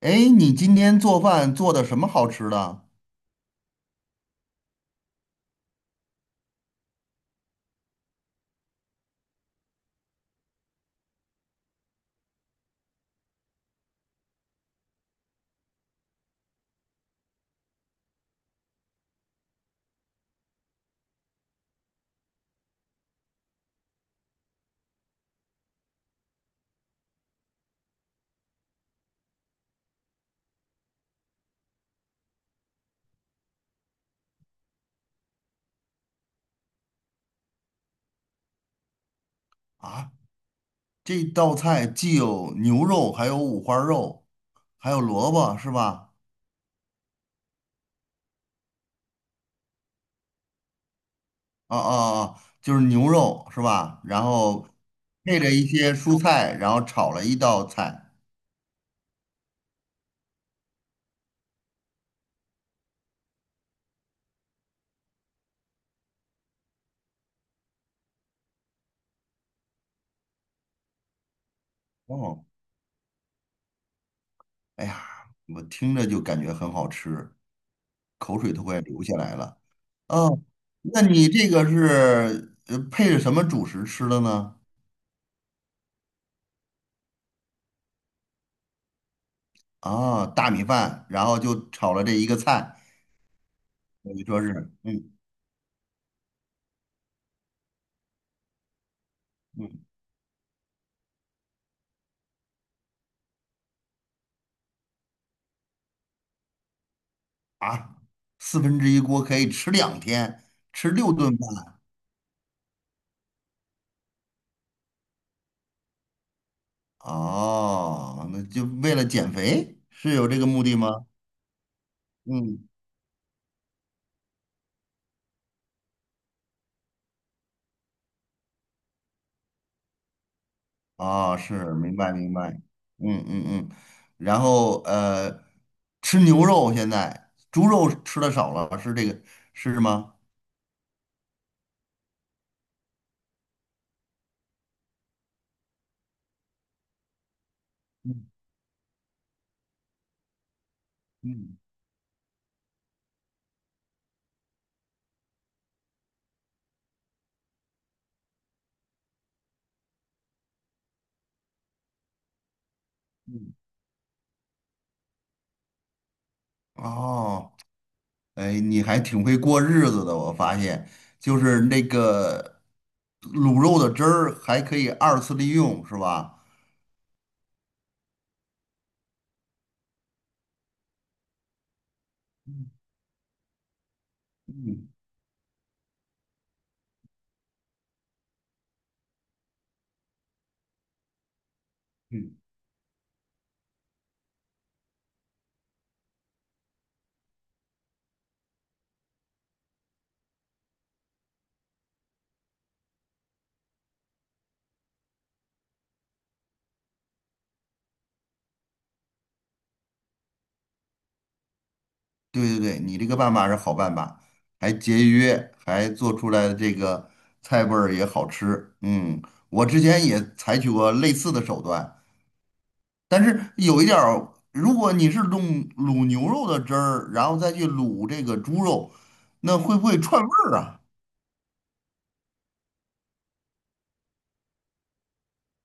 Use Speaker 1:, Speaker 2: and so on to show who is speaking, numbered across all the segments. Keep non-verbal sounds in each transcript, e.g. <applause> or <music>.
Speaker 1: 哎，你今天做饭做的什么好吃的啊？这道菜既有牛肉，还有五花肉，还有萝卜，是吧？啊啊啊，就是牛肉是吧？然后配着一些蔬菜，然后炒了一道菜。哦，哎呀，我听着就感觉很好吃，口水都快流下来了。哦，那你这个是配着什么主食吃的呢？啊，大米饭，然后就炒了这一个菜，等于说是，嗯嗯。啊，四分之一锅可以吃2天，吃6顿饭。哦，那就为了减肥，是有这个目的吗？嗯，哦，是，明白明白。嗯嗯嗯，然后吃牛肉现在猪肉吃的少了，是这个是吗？嗯嗯嗯。哦，哎，你还挺会过日子的，我发现，就是那个卤肉的汁儿还可以二次利用，是吧？嗯嗯嗯，对对对，你这个办法是好办法，还节约，还做出来的这个菜味儿也好吃。嗯，我之前也采取过类似的手段，但是有一点儿，如果你是弄卤牛肉的汁儿，然后再去卤这个猪肉，那会不会串味儿啊？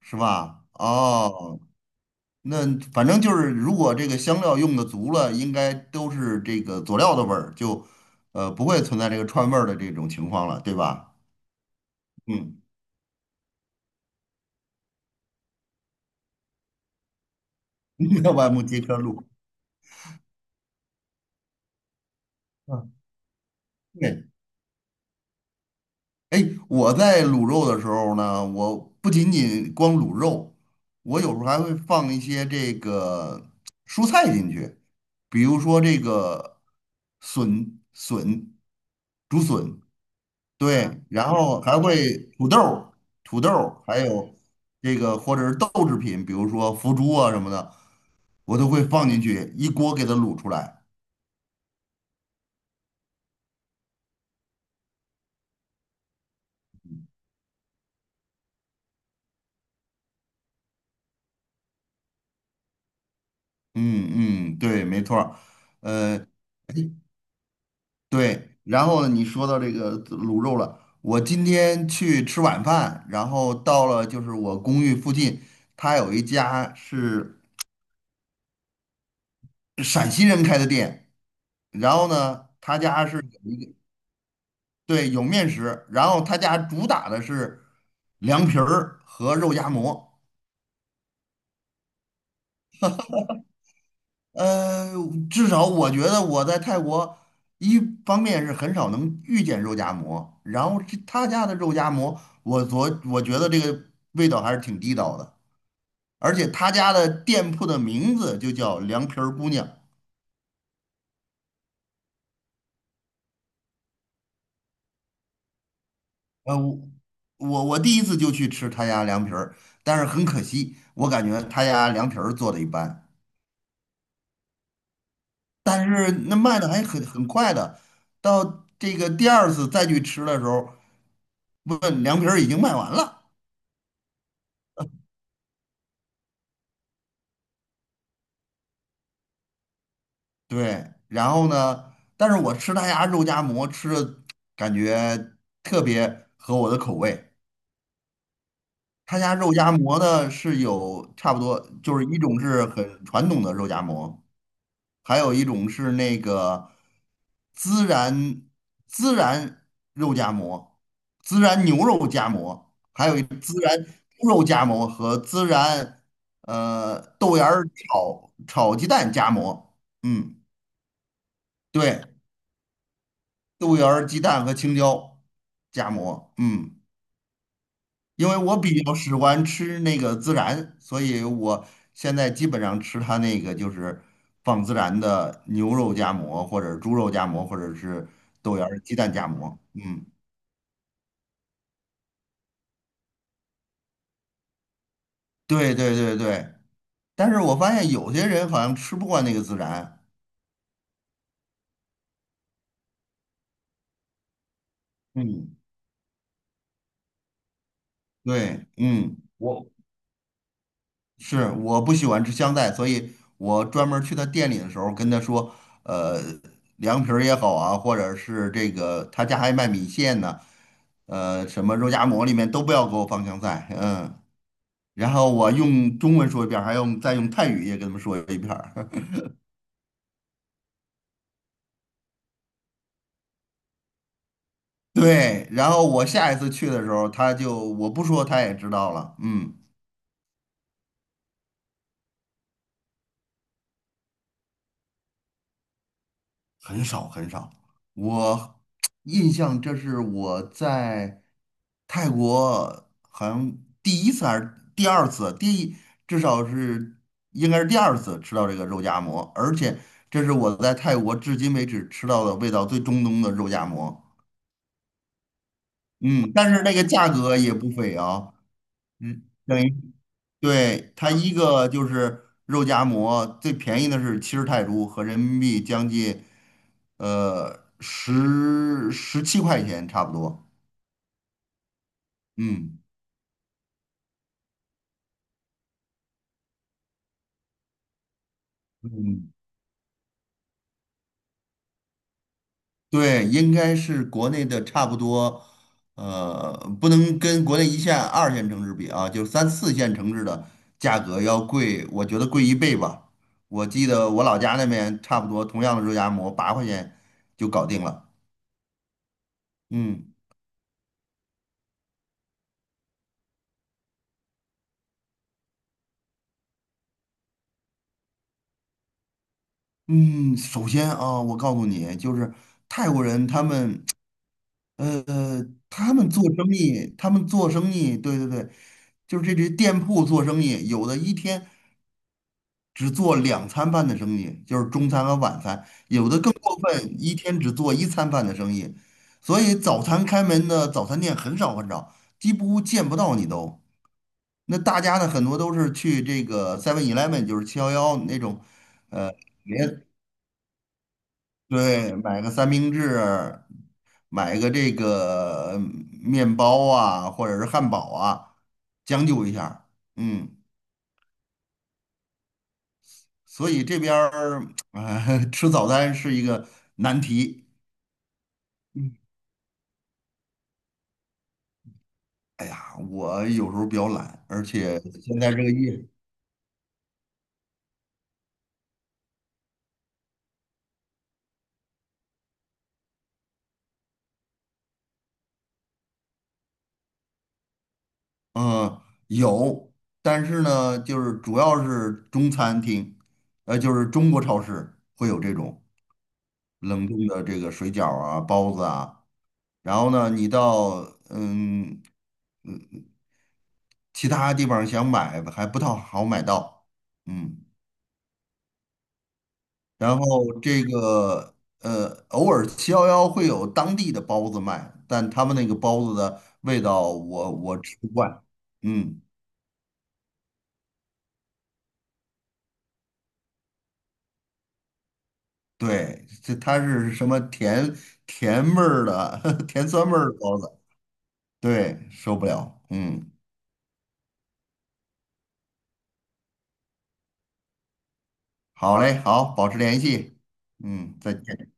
Speaker 1: 是吧？哦，那反正就是，如果这个香料用的足了，应该都是这个佐料的味儿，就不会存在这个串味儿的这种情况了，对吧？嗯。<laughs> 你要把木街圈卤。嗯对，哎，我在卤肉的时候呢，我不仅仅光卤肉，我有时候还会放一些这个蔬菜进去，比如说这个笋、笋、竹笋，啊对，然后还会土豆儿还有这个或者是豆制品，比如说腐竹啊什么的，我都会放进去，一锅给它卤出来。嗯嗯，对，没错儿。呃对，然后你说到这个卤肉了，我今天去吃晚饭，然后到了就是我公寓附近，他有一家是陕西人开的店，然后呢，他家是有一个对有面食，然后他家主打的是凉皮儿和肉夹馍。呃，至少我觉得我在泰国，一方面是很少能遇见肉夹馍，然后这他家的肉夹馍，我觉得这个味道还是挺地道的，而且他家的店铺的名字就叫凉皮儿姑娘。呃，我第一次就去吃他家凉皮儿，但是很可惜，我感觉他家凉皮儿做的一般，但是那卖的还很快的，到这个第二次再去吃的时候，问凉皮儿已经卖完了。对，然后呢，但是我吃他家肉夹馍吃的感觉特别合我的口味。他家肉夹馍呢是有差不多，就是一种是很传统的肉夹馍，还有一种是那个孜然孜然肉夹馍、孜然牛肉夹馍，还有孜然猪肉夹馍和孜然豆芽儿炒鸡蛋夹馍。嗯，对。豆芽儿、鸡蛋和青椒夹馍。嗯，因为我比较喜欢吃那个孜然，所以我现在基本上吃它那个就是放孜然的牛肉夹馍，或者猪肉夹馍，或者是豆芽儿、鸡蛋夹馍。嗯，对对对对。但是我发现有些人好像吃不惯那个孜然。嗯，对，嗯，我。是我不喜欢吃香菜，所以我专门儿去他店里的时候跟他说，呃，凉皮儿也好啊，或者是这个他家还卖米线呢，呃，什么肉夹馍里面都不要给我放香菜，嗯，然后我用中文说一遍儿还用再用泰语也跟他们说一遍儿 <laughs> 对，然后我下一次去的时候，他就我不说他也知道了，嗯。很少很少。我印象这是我在泰国好像第一次还是第二次，第一至少是应该是第二次吃到这个肉夹馍，而且这是我在泰国至今为止吃到的味道最正宗的肉夹馍。嗯，但是那个价格也不菲啊，嗯，等于。对，它一个就是肉夹馍，最便宜的是70泰铢，合人民币将近十七块钱差不多。嗯嗯，对，应该是国内的差不多，呃，不能跟国内一线、二线城市比啊，就是三四线城市的价格要贵，我觉得贵一倍吧。我记得我老家那边差不多同样的肉夹馍8块钱就搞定了。嗯。嗯，首先啊，我告诉你，就是泰国人他们，呃，他们做生意，对对对，就是这些店铺做生意，有的一天只做2餐饭的生意，就是中餐和晚餐，有的更过分，一天只做一餐饭的生意，所以早餐开门的早餐店很少很少，几乎见不到你都。那大家呢，很多都是去这个 7-Eleven，就是七幺幺那种。对，买个三明治，买个这个嗯面包啊，或者是汉堡啊，将就一下儿嗯，所以这边儿啊，<laughs> 吃早餐是一个难题。哎呀，我有时候比较懒，而且现在这个夜，嗯，有，但是呢，就是主要是中餐厅，呃，就是中国超市会有这种冷冻的这个水饺啊、包子啊。然后呢，你到嗯其他地方想买还不太好买到，嗯，然后这个偶尔七幺幺会有当地的包子卖，但他们那个包子的味道我吃不惯，嗯，对，这它是什么甜甜味儿的 <laughs> 甜酸味儿的包子，对，受不了，嗯，好嘞，好，保持联系，嗯，再见。